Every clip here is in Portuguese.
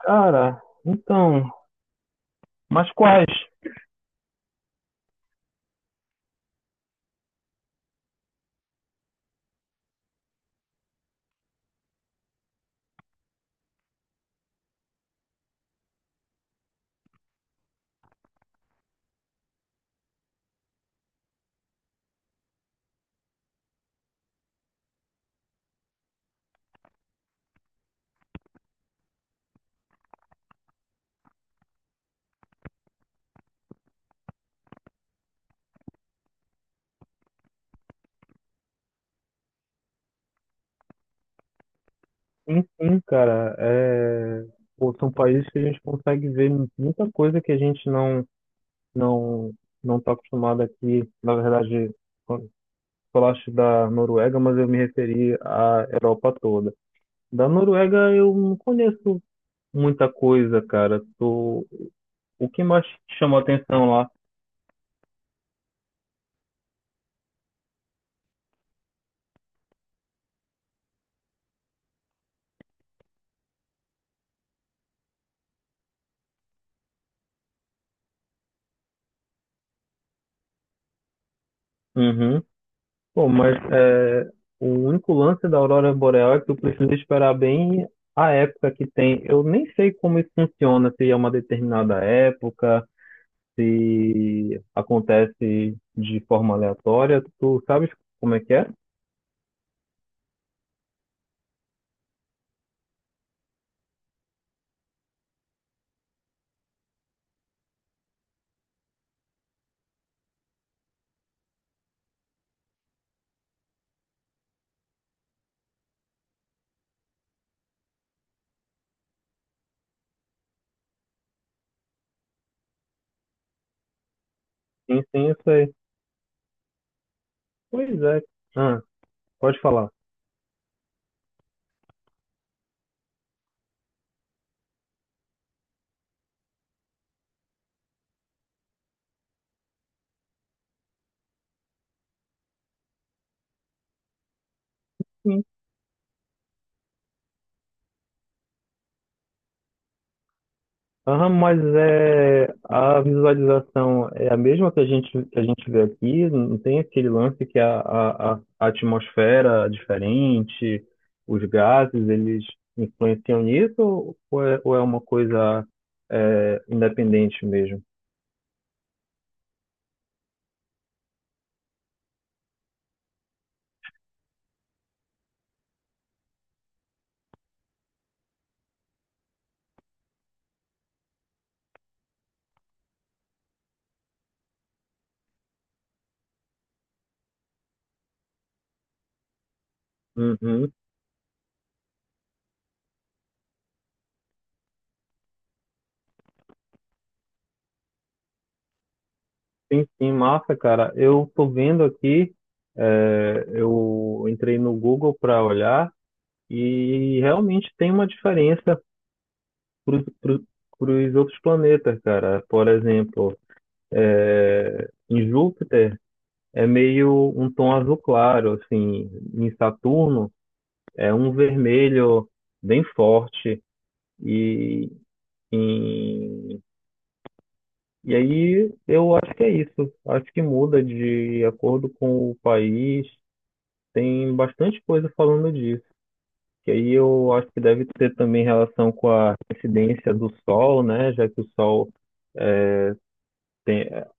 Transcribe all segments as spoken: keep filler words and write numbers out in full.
Cara, então, mas quais? Enfim, cara, é, pô, são países que a gente consegue ver muita coisa que a gente não não não está acostumado aqui. Na verdade, quando falaste da Noruega, mas eu me referi à Europa toda. Da Noruega eu não conheço muita coisa, cara. Tô... O que mais te chamou a atenção lá? Uhum. Pô, mas é, o único lance da aurora boreal é que tu precisa esperar bem a época que tem. Eu nem sei como isso funciona, se é uma determinada época, se acontece de forma aleatória. Tu sabes como é que é? Sim, sim, eu sei. Pois é. Ah, pode falar. Aham, mas é, a visualização é a mesma que a gente, que a gente vê aqui, não tem aquele lance que a, a, a a atmosfera é diferente, os gases, eles influenciam nisso, ou é, ou é uma coisa é, independente mesmo? Uhum. Sim, sim, massa, cara. Eu tô vendo aqui, é, eu entrei no Google para olhar e realmente tem uma diferença para os outros planetas, cara. Por exemplo, é, em Júpiter é meio um tom azul claro, assim, em Saturno é um vermelho bem forte e em- e aí eu acho que é isso. Acho que muda de acordo com o país. Tem bastante coisa falando disso. Que aí eu acho que deve ter também relação com a incidência do Sol, né? Já que o Sol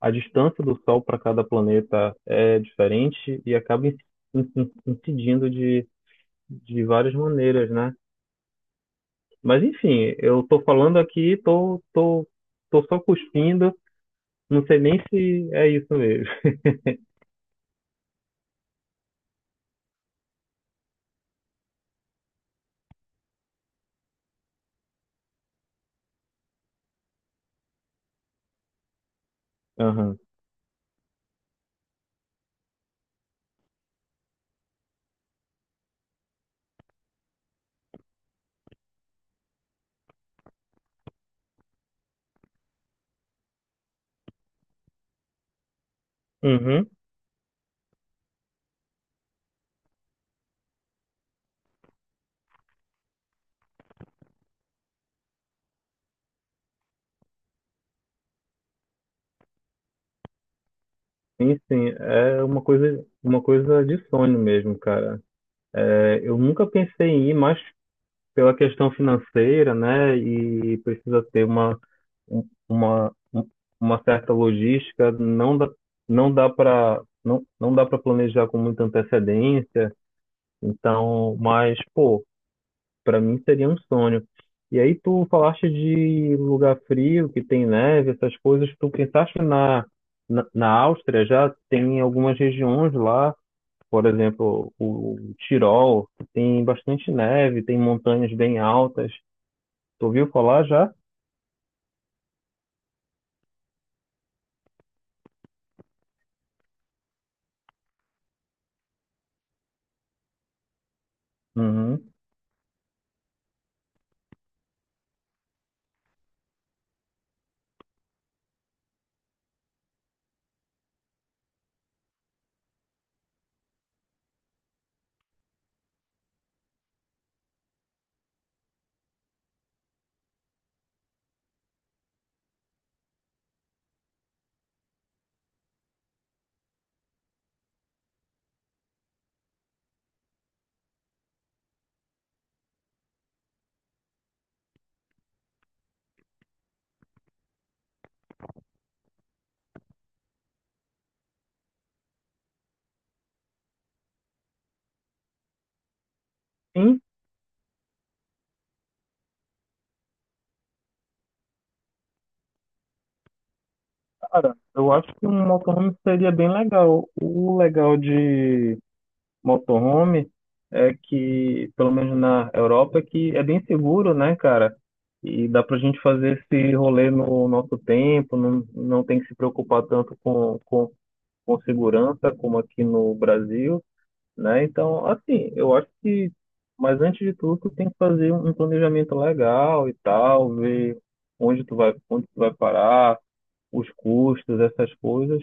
a distância do Sol para cada planeta é diferente e acaba in- in- incidindo de, de várias maneiras, né? Mas enfim, eu tô falando aqui, tô, tô, tô só cuspindo, não sei nem se é isso mesmo. Aham. Uhum. Sim, sim, é uma coisa, uma coisa de sonho mesmo, cara. É, eu nunca pensei em ir, mas pela questão financeira, né? E precisa ter uma um- uma, um- uma certa logística, não dá, não dá para não, não dá para planejar com muita antecedência, então, mas, pô, para mim seria um sonho. E aí tu falaste de lugar frio, que tem neve, essas coisas, tu pensaste na, na, na Áustria, já tem algumas regiões lá, por exemplo, o Tirol, que tem bastante neve, tem montanhas bem altas. Tu ouviu falar já? Uhum. Sim. Cara, eu acho que um motorhome seria bem legal. O legal de motorhome é que, pelo menos na Europa, é que é bem seguro, né, cara? E dá pra gente fazer esse rolê no nosso tempo, não, não tem que se preocupar tanto com, com, com segurança como aqui no Brasil, né? Então, assim, eu acho que, mas antes de tudo, tu tem que fazer um planejamento legal e tal, ver onde tu vai, onde tu vai parar os custos, essas coisas,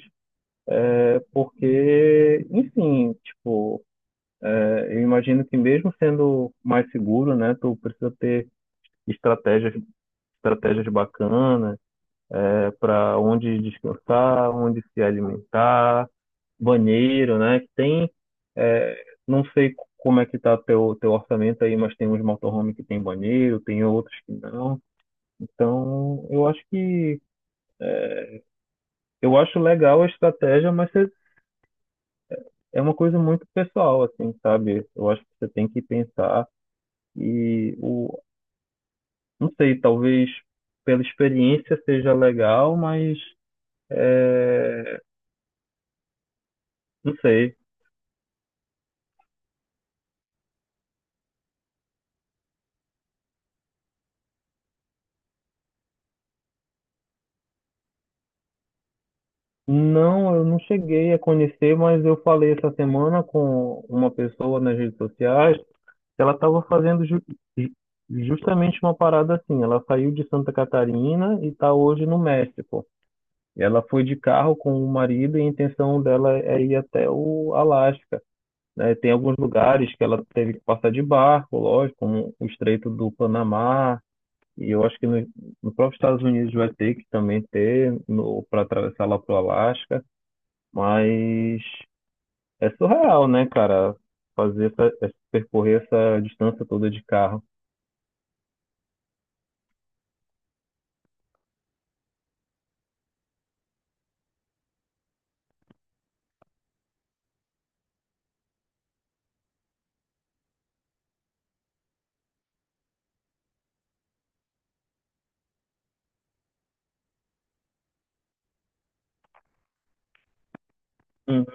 porque, enfim, tipo, é, eu imagino que mesmo sendo mais seguro, né, tu precisa ter estratégias, estratégias bacanas, é, para onde descansar, onde se alimentar, banheiro, né? Que tem, é, não sei como é que tá teu teu orçamento aí, mas tem uns motorhome que tem banheiro, tem outros que não. Então, eu acho que eu acho legal a estratégia, mas você- é uma coisa muito pessoal, assim, sabe? Eu acho que você tem que pensar. E o, não sei, talvez pela experiência seja legal, mas é, não sei. Não, eu não cheguei a conhecer, mas eu falei essa semana com uma pessoa nas redes sociais, que ela estava fazendo ju- ju- justamente uma parada assim. Ela saiu de Santa Catarina e está hoje no México. E ela foi de carro com o marido e a intenção dela é ir até o Alasca. Né? Tem alguns lugares que ela teve que passar de barco, lógico, como o Estreito do Panamá, e eu acho que no, no próprio Estados Unidos vai ter que também ter para atravessar lá para o Alasca, mas é surreal, né, cara? Fazer essa, essa- percorrer essa distância toda de carro. Hum,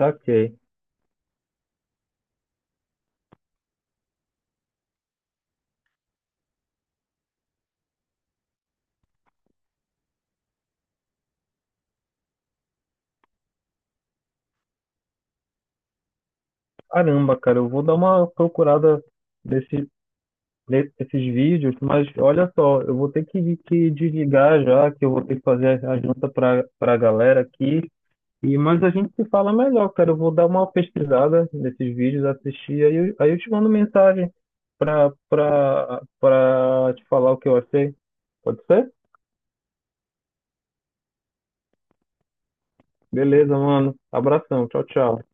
saquei. Caramba, cara, eu vou dar uma procurada nesse, nesses vídeos, mas olha só, eu vou ter que, que desligar já, que eu vou ter que fazer a a janta para a galera aqui. E, mas a gente se fala melhor, cara. Eu vou dar uma pesquisada nesses vídeos, assistir, aí eu, aí eu te mando mensagem pra, pra, pra te falar o que eu achei. Pode ser? Beleza, mano. Abração. Tchau, tchau.